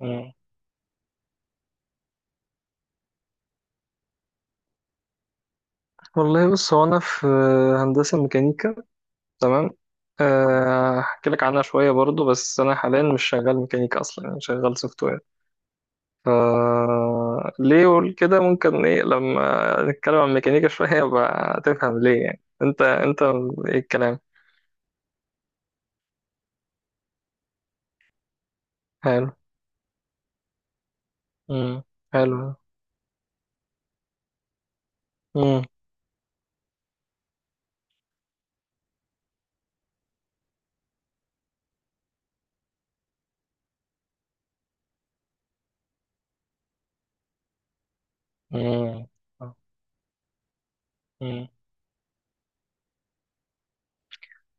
مم. والله بص، هو أنا في هندسة ميكانيكا. تمام. هحكي لك عنها شوية برضو، بس أنا حاليا مش شغال ميكانيكا أصلا، أنا شغال سوفت وير. ف ليه أقول كده؟ ممكن إيه لما نتكلم عن ميكانيكا شوية بقى تفهم ليه، يعني أنت إيه الكلام. حلو. مم. حلو. مم. مم. مم.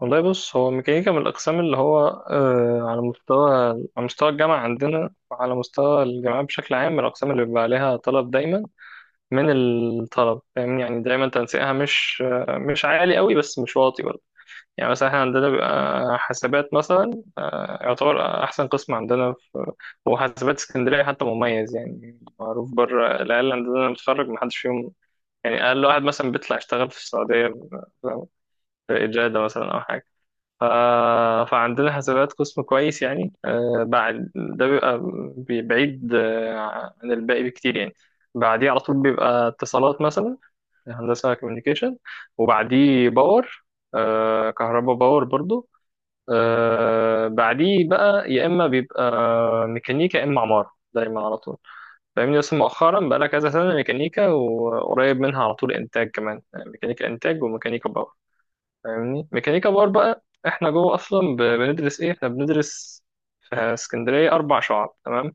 والله بص، هو ميكانيكا من الأقسام اللي هو على مستوى، على مستوى الجامعة عندنا وعلى مستوى الجامعات بشكل عام، من الأقسام اللي بيبقى عليها طلب دايما من الطلب. فاهمني؟ يعني دايما تنسيقها مش مش عالي قوي، بس مش واطي برضه. يعني مثلا احنا عندنا بيبقى حاسبات مثلا، يعتبر أحسن قسم عندنا في، وحاسبات اسكندرية حتى مميز يعني، معروف بره. العيال عندنا متخرج محدش فيهم، يعني أقل واحد مثلا بيطلع يشتغل في السعودية، في إجادة مثلا أو حاجة. ف... فعندنا حسابات قسم كويس يعني. بعد ده بيبقى بعيد عن الباقي بكتير يعني. بعديه على طول بيبقى اتصالات مثلا، هندسة كوميونيكيشن. وبعديه باور، كهرباء باور برضو. بعديه بقى يا إما بيبقى ميكانيكا يا إما عمارة دايما على طول. فاهمني؟ بس مؤخرا بقى لها كذا سنة، ميكانيكا وقريب منها على طول إنتاج كمان، يعني ميكانيكا إنتاج وميكانيكا باور. فاهمني؟ ميكانيكا باور بقى احنا جوه اصلا بندرس ايه. احنا بندرس في اسكندريه اربع شعب. تمام.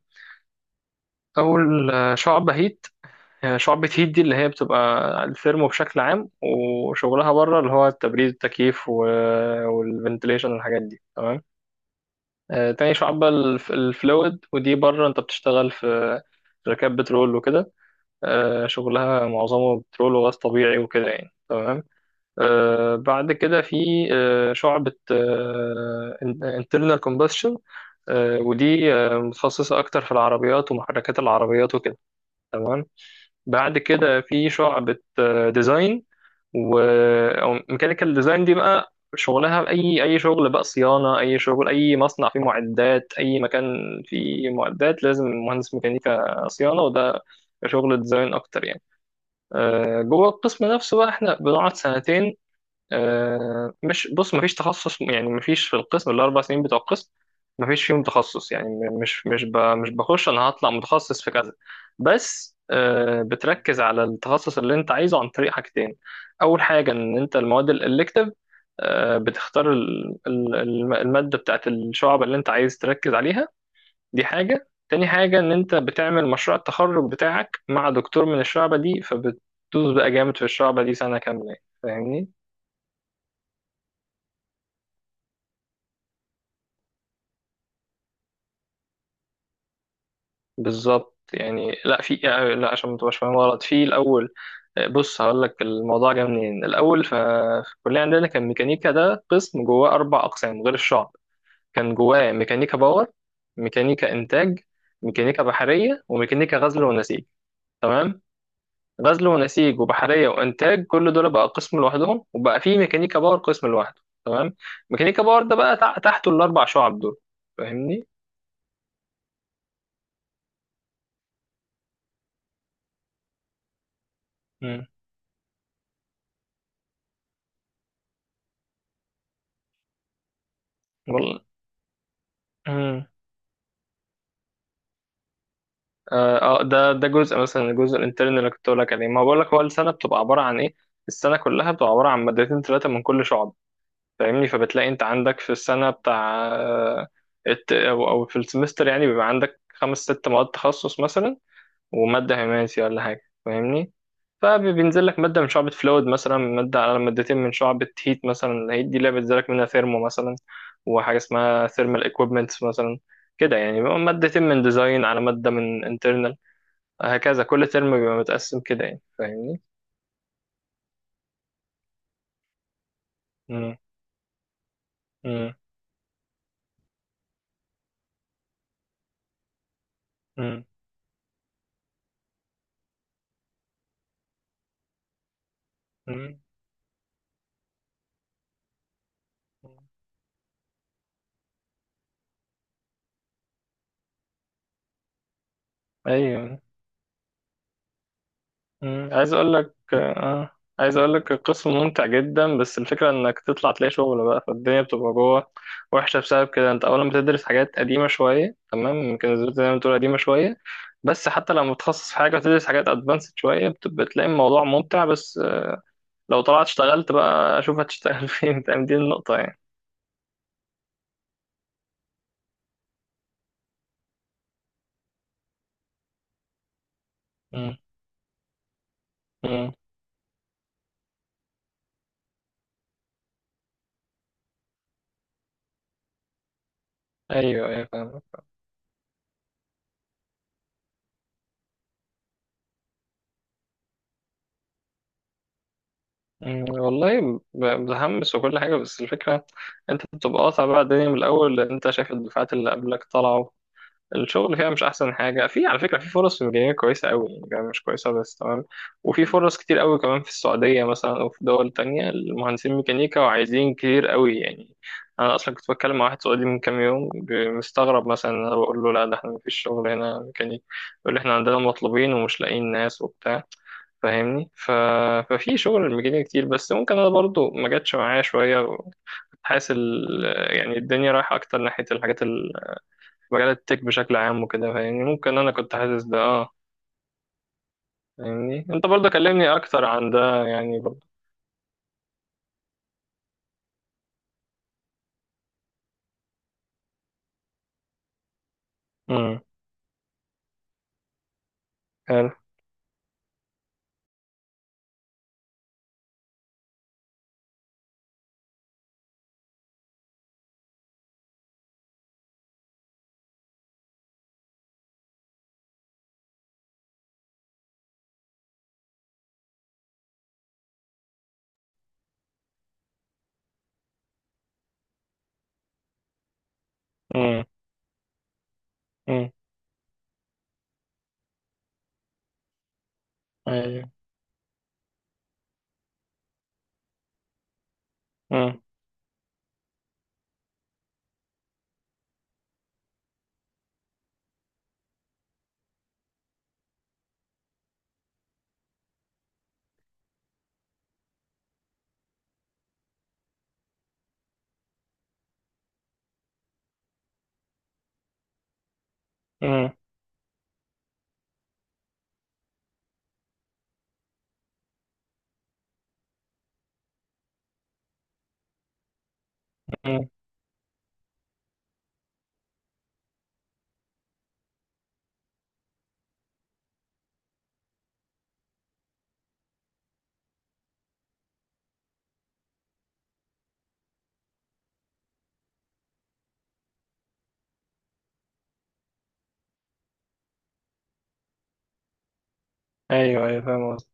اول شعبة هيت. هي شعبة هيت دي اللي هي بتبقى الثيرمو بشكل عام، وشغلها بره اللي هو التبريد، التكييف والفنتليشن والحاجات دي. تمام. تاني شعبة الفلويد. ودي بره انت بتشتغل في شركات بترول وكده. شغلها معظمه بترول وغاز طبيعي وكده يعني. تمام. بعد كده في شعبة internal combustion. ودي متخصصة أكتر في العربيات ومحركات العربيات وكده. تمام. بعد كده في شعبة ديزاين، و أو ميكانيكال ديزاين. دي بقى شغلها أي أي شغل بقى، صيانة، أي شغل، أي مصنع فيه معدات، أي مكان فيه معدات لازم مهندس ميكانيكا صيانة. وده شغل ديزاين أكتر يعني. جوه القسم نفسه بقى احنا بنقعد سنتين. آه، مش بص، مفيش تخصص يعني، مفيش. في القسم الاربع سنين بتوع القسم مفيش فيهم تخصص، يعني مش بخش انا هطلع متخصص في كذا. بس بتركز على التخصص اللي انت عايزه عن طريق حاجتين. اول حاجه ان انت المواد الالكتيف، بتختار الماده بتاعت الشعب اللي انت عايز تركز عليها. دي حاجه. تاني حاجه ان انت بتعمل مشروع التخرج بتاعك مع دكتور من الشعبه دي، فبتدوس بقى جامد في الشعبه دي سنه كامله يعني. فاهمني؟ بالظبط يعني. لا، في يعني، لا عشان ما تبقاش فاهم غلط في الاول. بص، هقول لك الموضوع جه منين الاول. في الكليه عندنا كان ميكانيكا ده قسم جواه اربع اقسام غير الشعب. كان جواه ميكانيكا باور، ميكانيكا انتاج، ميكانيكا بحريه، وميكانيكا غزل ونسيج. تمام. غزل ونسيج وبحريه وانتاج كل دول بقى قسم لوحدهم، وبقى في ميكانيكا باور قسم لوحده. تمام. ميكانيكا باور ده بقى تحته الاربع شعب دول. فاهمني؟ امم. والله. ده جزء مثلا، الجزء الانترن اللي كنت بقول لك عليه. ما بقول لك، هو السنه بتبقى عباره عن ايه، السنه كلها بتبقى عباره عن مادتين ثلاثه من كل شعب. فاهمني؟ فبتلاقي انت عندك في السنه بتاع آه، الت- او أو في السمستر يعني، بيبقى عندك خمس ست مواد تخصص مثلا، وماده هيماسي ولا حاجه. فاهمني؟ فبينزل لك ماده من شعبة فلويد مثلا، ماده على مادتين من شعبة هيت مثلا. هيت دي اللي بينزل لك منها ثيرمو مثلا، وحاجه اسمها ثيرمال ايكويبمنتس مثلا. كده يعني، بيبقى مادتين من ديزاين على مادة من internal. هكذا كل ترم بيبقى متقسم كده يعني. فاهمني؟ مم. مم. مم. مم. ايوه. مم. عايز اقول لك. عايز اقول لك القسم ممتع جدا، بس الفكره انك تطلع تلاقي شغل بقى، فالدنيا بتبقى جوه وحشه بسبب كده. انت اولا بتدرس حاجات قديمه شويه. تمام، ممكن زي ما تقول قديمه شويه. بس حتى لما بتخصص في حاجه وتدرس حاجات ادفانسد شويه، بتلاقي الموضوع ممتع. بس لو طلعت اشتغلت بقى اشوف هتشتغل فين. فاهم؟ دي النقطه يعني. مم. مم. ايوه ايوه فاهم. والله متحمس وكل حاجة، بس الفكرة انت بتبقى قاطع بقى الدنيا من الأول، لأن انت شايف الدفعات اللي قبلك طلعوا الشغل فيها مش أحسن حاجة. في، على فكرة، في فرص في الجنوب كويسة أوي، يعني الجنوب مش كويسة بس. تمام. وفي فرص كتير أوي كمان في السعودية مثلا، أو في دول تانية. المهندسين ميكانيكا وعايزين كتير أوي يعني. أنا أصلا كنت بتكلم مع واحد سعودي من كام يوم مستغرب مثلا. أنا بقول له لا، ده احنا مفيش شغل هنا ميكانيك. يقول لي احنا عندنا مطلوبين ومش لاقيين ناس وبتاع. فاهمني؟ ففي شغل الميكانيكا كتير، بس ممكن انا برضو ما جاتش معايا شويه. كنت حاسس يعني الدنيا رايحه اكتر ناحيه الحاجات مجال التك بشكل عام وكده. فاهمني؟ ممكن انا كنت حاسس ده. اه. فاهمني؟ انت برضو كلمني اكتر عن ده يعني برضو. امم. حلو. امم. امم. ايوه. امم. امم. أمم. ايوه ايوه فاهم قصدي.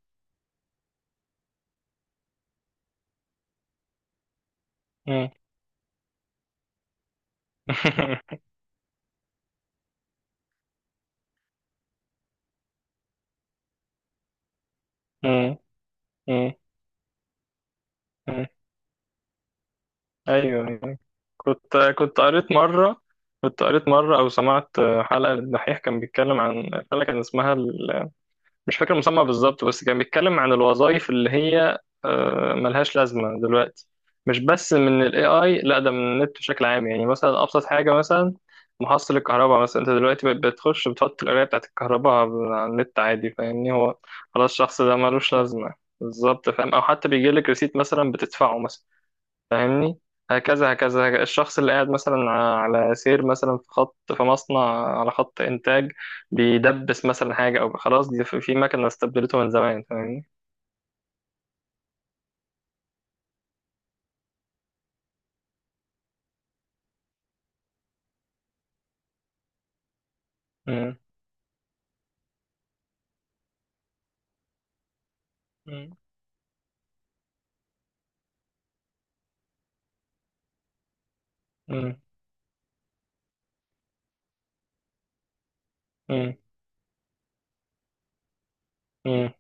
امم. امم. امم. ايوه أيوة. كنت كنت قريت مره كنت قريت مره او سمعت، حلقه للدحيح. كان بيتكلم عن حلقه كان اسمها مش فاكر المسمى بالظبط، بس كان بيتكلم عن الوظائف اللي هي ملهاش لازمه دلوقتي. مش بس من الاي اي، لا، ده من النت بشكل عام يعني. مثلا ابسط حاجه مثلا، محصل الكهرباء مثلا، انت دلوقتي بقت بتخش بتحط القرايه بتاعت الكهرباء على النت عادي. فاهمني؟ هو خلاص الشخص ده ملوش لازمه. بالظبط فاهم. او حتى بيجي لك ريسيت مثلا بتدفعه مثلا. فاهمني؟ هكذا هكذا، الشخص اللي قاعد مثلا على سير مثلا في خط، في مصنع على خط إنتاج، بيدبس مثلا حاجة، أو خلاص دي في مكنة استبدلته من زمان. فاهمني؟ مم. مم. مم. مم. مم.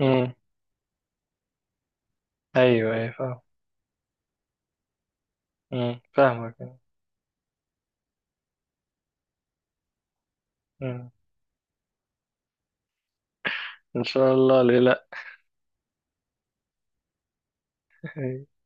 مم. أيوه أيوه فاهم. مم. فاهمك. مم. إن شاء الله، ليه لأ؟